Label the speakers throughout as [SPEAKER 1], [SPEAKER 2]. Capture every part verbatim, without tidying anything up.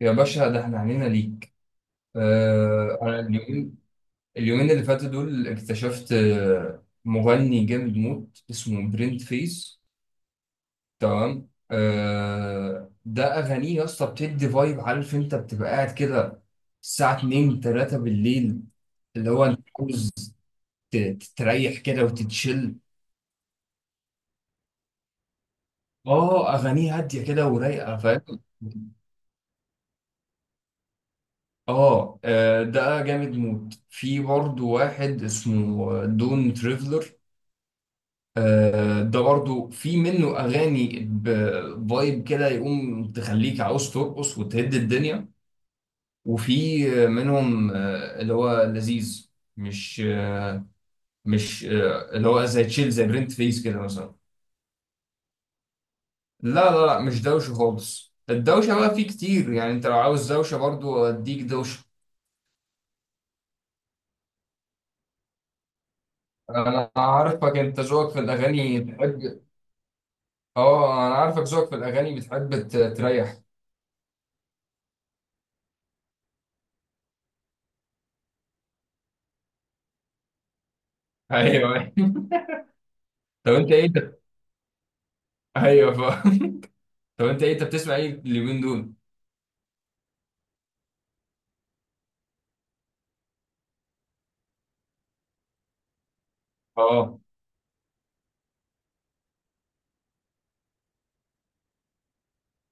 [SPEAKER 1] يا باشا، ده احنا عنينا ليك. آه انا اليومين، اليومين اللي فاتوا دول اكتشفت آه، مغني جامد موت اسمه برنت فيس. تمام. آه ده اغانيه يا اسطى بتدي فايب. عارف انت بتبقى قاعد كده الساعة اتنين تلاته بالليل، اللي هو انت عاوز ت- تستريح كده وتتشل. اه، اغانيه هادية كده ورايقة، فاهم. اه، آه، ده جامد موت. في برضه واحد اسمه دون تريفلر. آه، ده برضو في منه اغاني بفايب كده يقوم تخليك عاوز ترقص وتهد الدنيا. وفي آه، منهم آه، اللي هو لذيذ. مش آه، مش آه، اللي هو زي تشيل زي برنت فيس كده مثلا. لا لا لا، مش دوشه خالص. الدوشه بقى فيه كتير، يعني انت لو عاوز دوشه برضو اديك دوشه. انا عارفك، انت ذوقك في الاغاني بتحب. اه، انا عارفك ذوقك في الاغاني بتحب ت- تريح. ايوه. طب انت ايه ده؟ ايوه. طب انت ايه؟ انت بتسمع ايه اليومين دول؟ اه.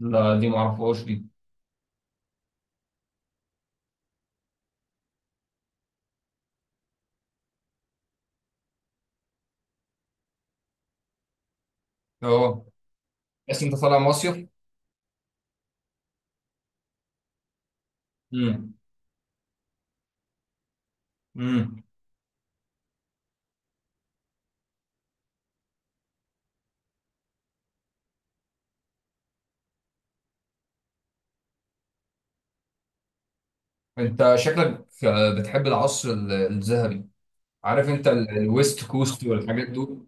[SPEAKER 1] لا، دي معرفهاش دي. اه، بس انت طالع مصيف. امم. امم. انت شكلك آه، بتحب العصر ال- الذهبي. عارف انت ال- الويست كوست والحاجات دول.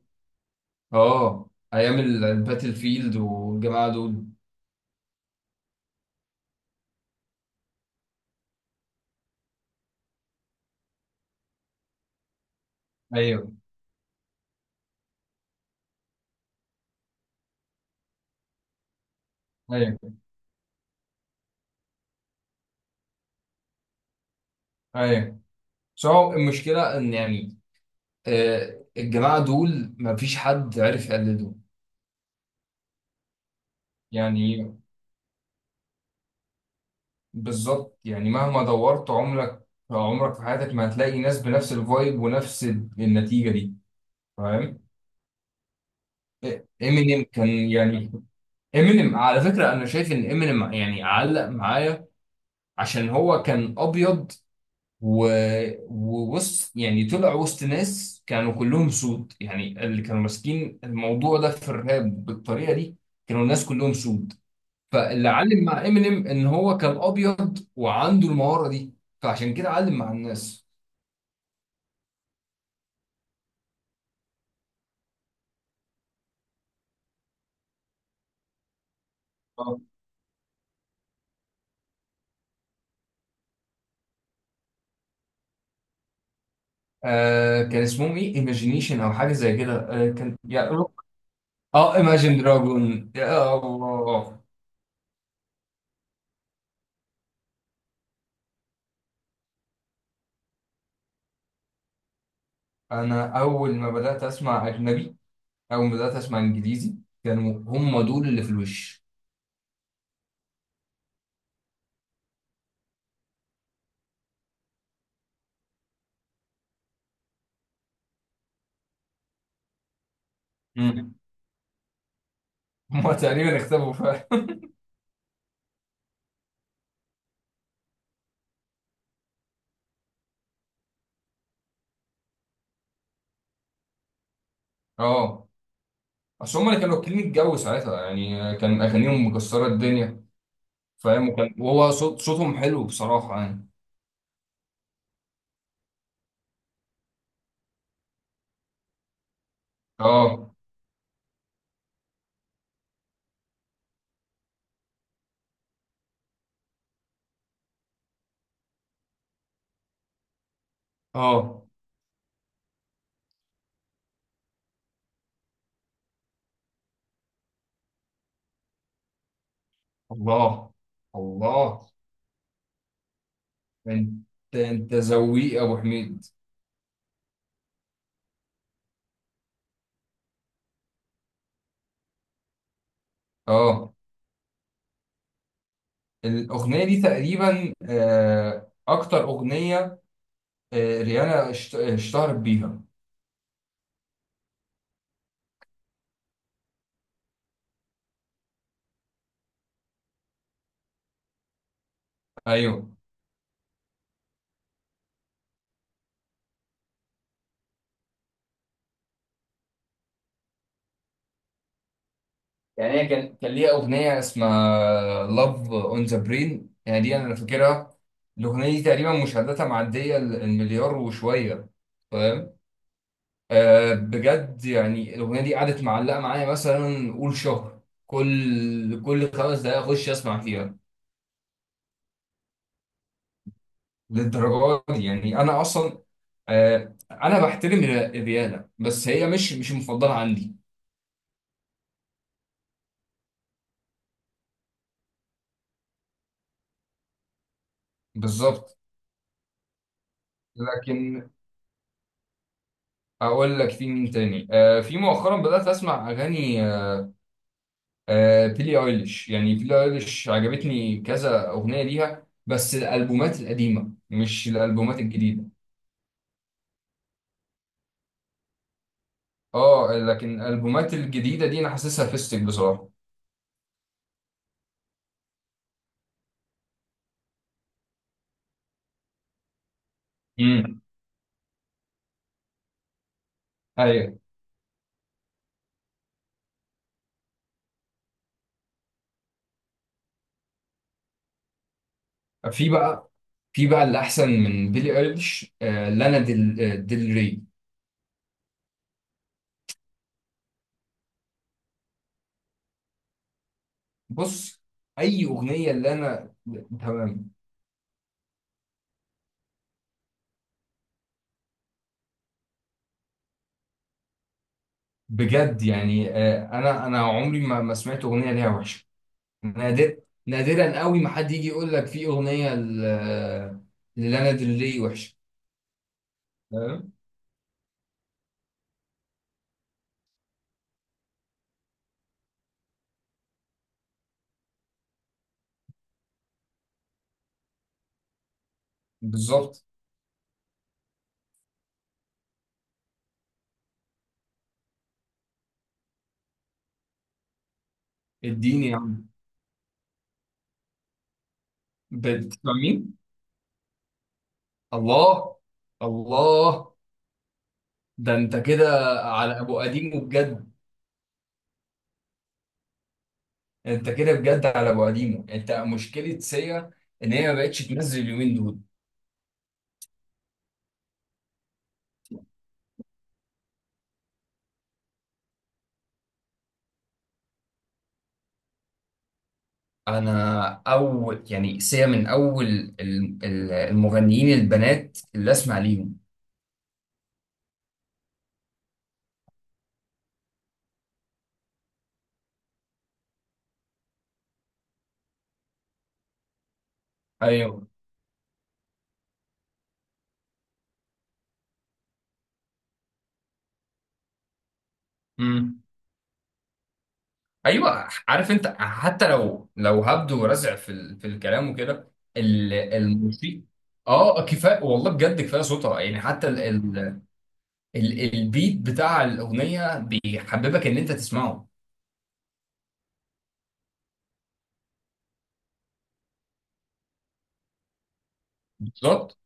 [SPEAKER 1] اه، ايام ال- الباتل فيلد والجماعه دول. ايوه، ايوه، ايوه. بس هو المشكله ان يعني آه، الجماعه دول ما فيش حد عرف يقلده. يعني بالظبط. يعني مهما دورت عمرك عمرك في حياتك ما هتلاقي ناس بنفس الفايب ونفس النتيجة دي. فاهم. امينيم كان يعني، امينيم على فكرة انا شايف ان امينيم يعني علق معايا عشان هو كان ابيض و... ووسط. يعني طلع وسط ناس كانوا كلهم سود، يعني اللي كانوا ماسكين الموضوع ده في الراب بالطريقة دي كانوا الناس كلهم سود. فاللي علم مع امينيم ان هو كان ابيض وعنده المهارة دي، فعشان كده علم مع الناس. آه. آه، كان اسمهم ايه؟ ايماجينيشن او حاجه زي كده. آه، كان يا روك. اه، ايماجين دراجون، يا الله. انا اول ما بدات اسمع اجنبي، اول ما بدات اسمع انجليزي، كانوا هم دول اللي في الوش. مم. هم تقريبا اختفوا فعلا. اه، اصل هم اللي كانوا واكلين الجو ساعتها، يعني آه، كان اغانيهم مكسره الدنيا. فاهم. وكان، وهو صوت صوتهم حلو بصراحه يعني. اه، اه. الله، الله. انت انت ذويق يا ابو حميد. اه، الاغنيه دي تقريبا آه، اكتر اغنيه آه، ريانا اشت- اشتهرت بيها. ايوه. يعني هي كان كان ليها اغنيه اسمها لاف اون ذا برين. يعني دي انا فاكرها. الاغنيه دي تقريبا مشاهداتها معديه ال- المليار وشويه. فاهم. آه، بجد يعني الاغنيه دي قعدت معلقه معايا مثلا قول شهر، كل كل خمس دقائق اخش اسمع فيها. للدرجه دي يعني. انا اصلا آه انا بحترم الر- الرياضه بس هي مش مش المفضله عندي. بالظبط. لكن اقول لك في مين تاني. آه في مؤخرا بدات اسمع اغاني. آه بيلي ايليش، يعني بيلي ايليش عجبتني كذا اغنيه ليها، بس الالبومات القديمه مش الالبومات الجديده. اه، لكن الالبومات الجديده دي انا حاسسها فيستك بصراحه. امم. ايوه. في بقى في بقى اللي احسن من بيلي ايليش، آه لانا ديل، آه، ديل ري. بص، اي اغنيه اللي انا، تمام. بجد يعني، آه، انا انا عمري ما ما سمعت اغنيه ليها وحشه. نادر. نادرا قوي ما حد يجي يقول لك في اغنيه ل- آه، للانا دري وحشه. تمام. بالظبط. اديني يا عم. بتسمع مين؟ الله، الله. ده انت كده على ابو قديمه، بجد. انت كده بجد على ابو قديمه. انت مشكله سيا ان هي ما بقتش تنزل اليومين دول. انا اول يعني سيا من اول ال- ال- المغنيين البنات اللي اسمع ليهم. ايوه. امم. ايوه، عارف انت، حتى لو لو هبدو ورزع في ال، في الكلام وكده، ال- الموسيقى. اه، كفايه والله، بجد كفايه صوتها. يعني حتى ال، ال، ال، البيت بتاع الاغنيه بيحببك ان انت تسمعه. بالظبط.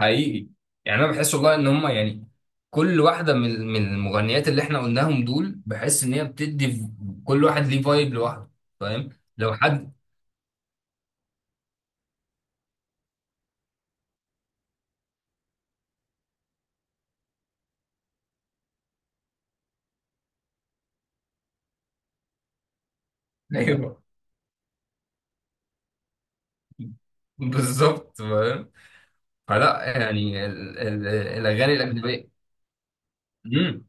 [SPEAKER 1] حقيقي. يعني انا بحس والله ان هم يعني كل واحده من من المغنيات اللي احنا قلناهم دول، بحس ان هي بتدي ف- كل واحد ليه فايب لوحده. فاهم. لو حد. ايوه بالظبط، فاهم. فلا يعني ال- ال- الاغاني الاجنبيه. امم.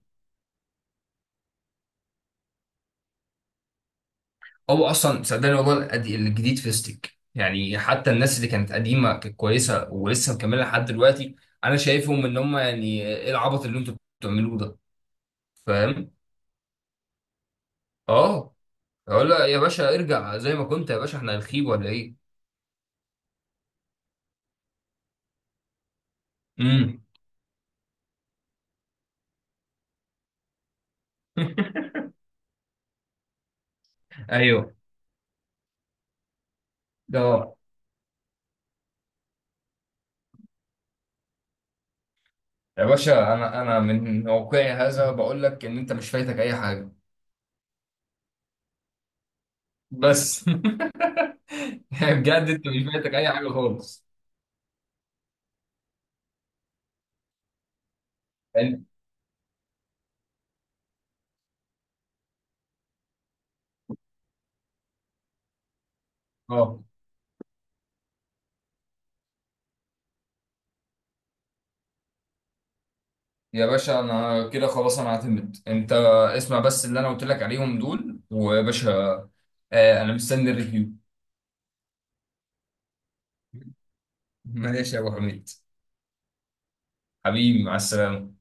[SPEAKER 1] هو اصلا صدقني والله القد- الجديد فيستك، يعني حتى الناس اللي كانت قديمه كانت كويسه ولسه مكمله لحد دلوقتي. انا شايفهم ان هم يعني ايه العبط اللي انتوا بتعملوه ده. فاهم. اه. اقول له يا باشا ارجع زي ما كنت، يا باشا احنا هنخيب ولا ايه. امم. ايوه. اه. يا باشا انا انا من واقعي هذا بقول لك ان انت مش فايتك اي حاجه. بس بجد انت مش فايتك اي حاجه خالص. يعني. اه، يا باشا انا كده خلاص، انا اعتمد. انت اسمع بس اللي انا قلت لك عليهم دول، ويا باشا آه انا مستني الريفيو. ماشي يا ابو حميد. حبيبي، مع السلامه.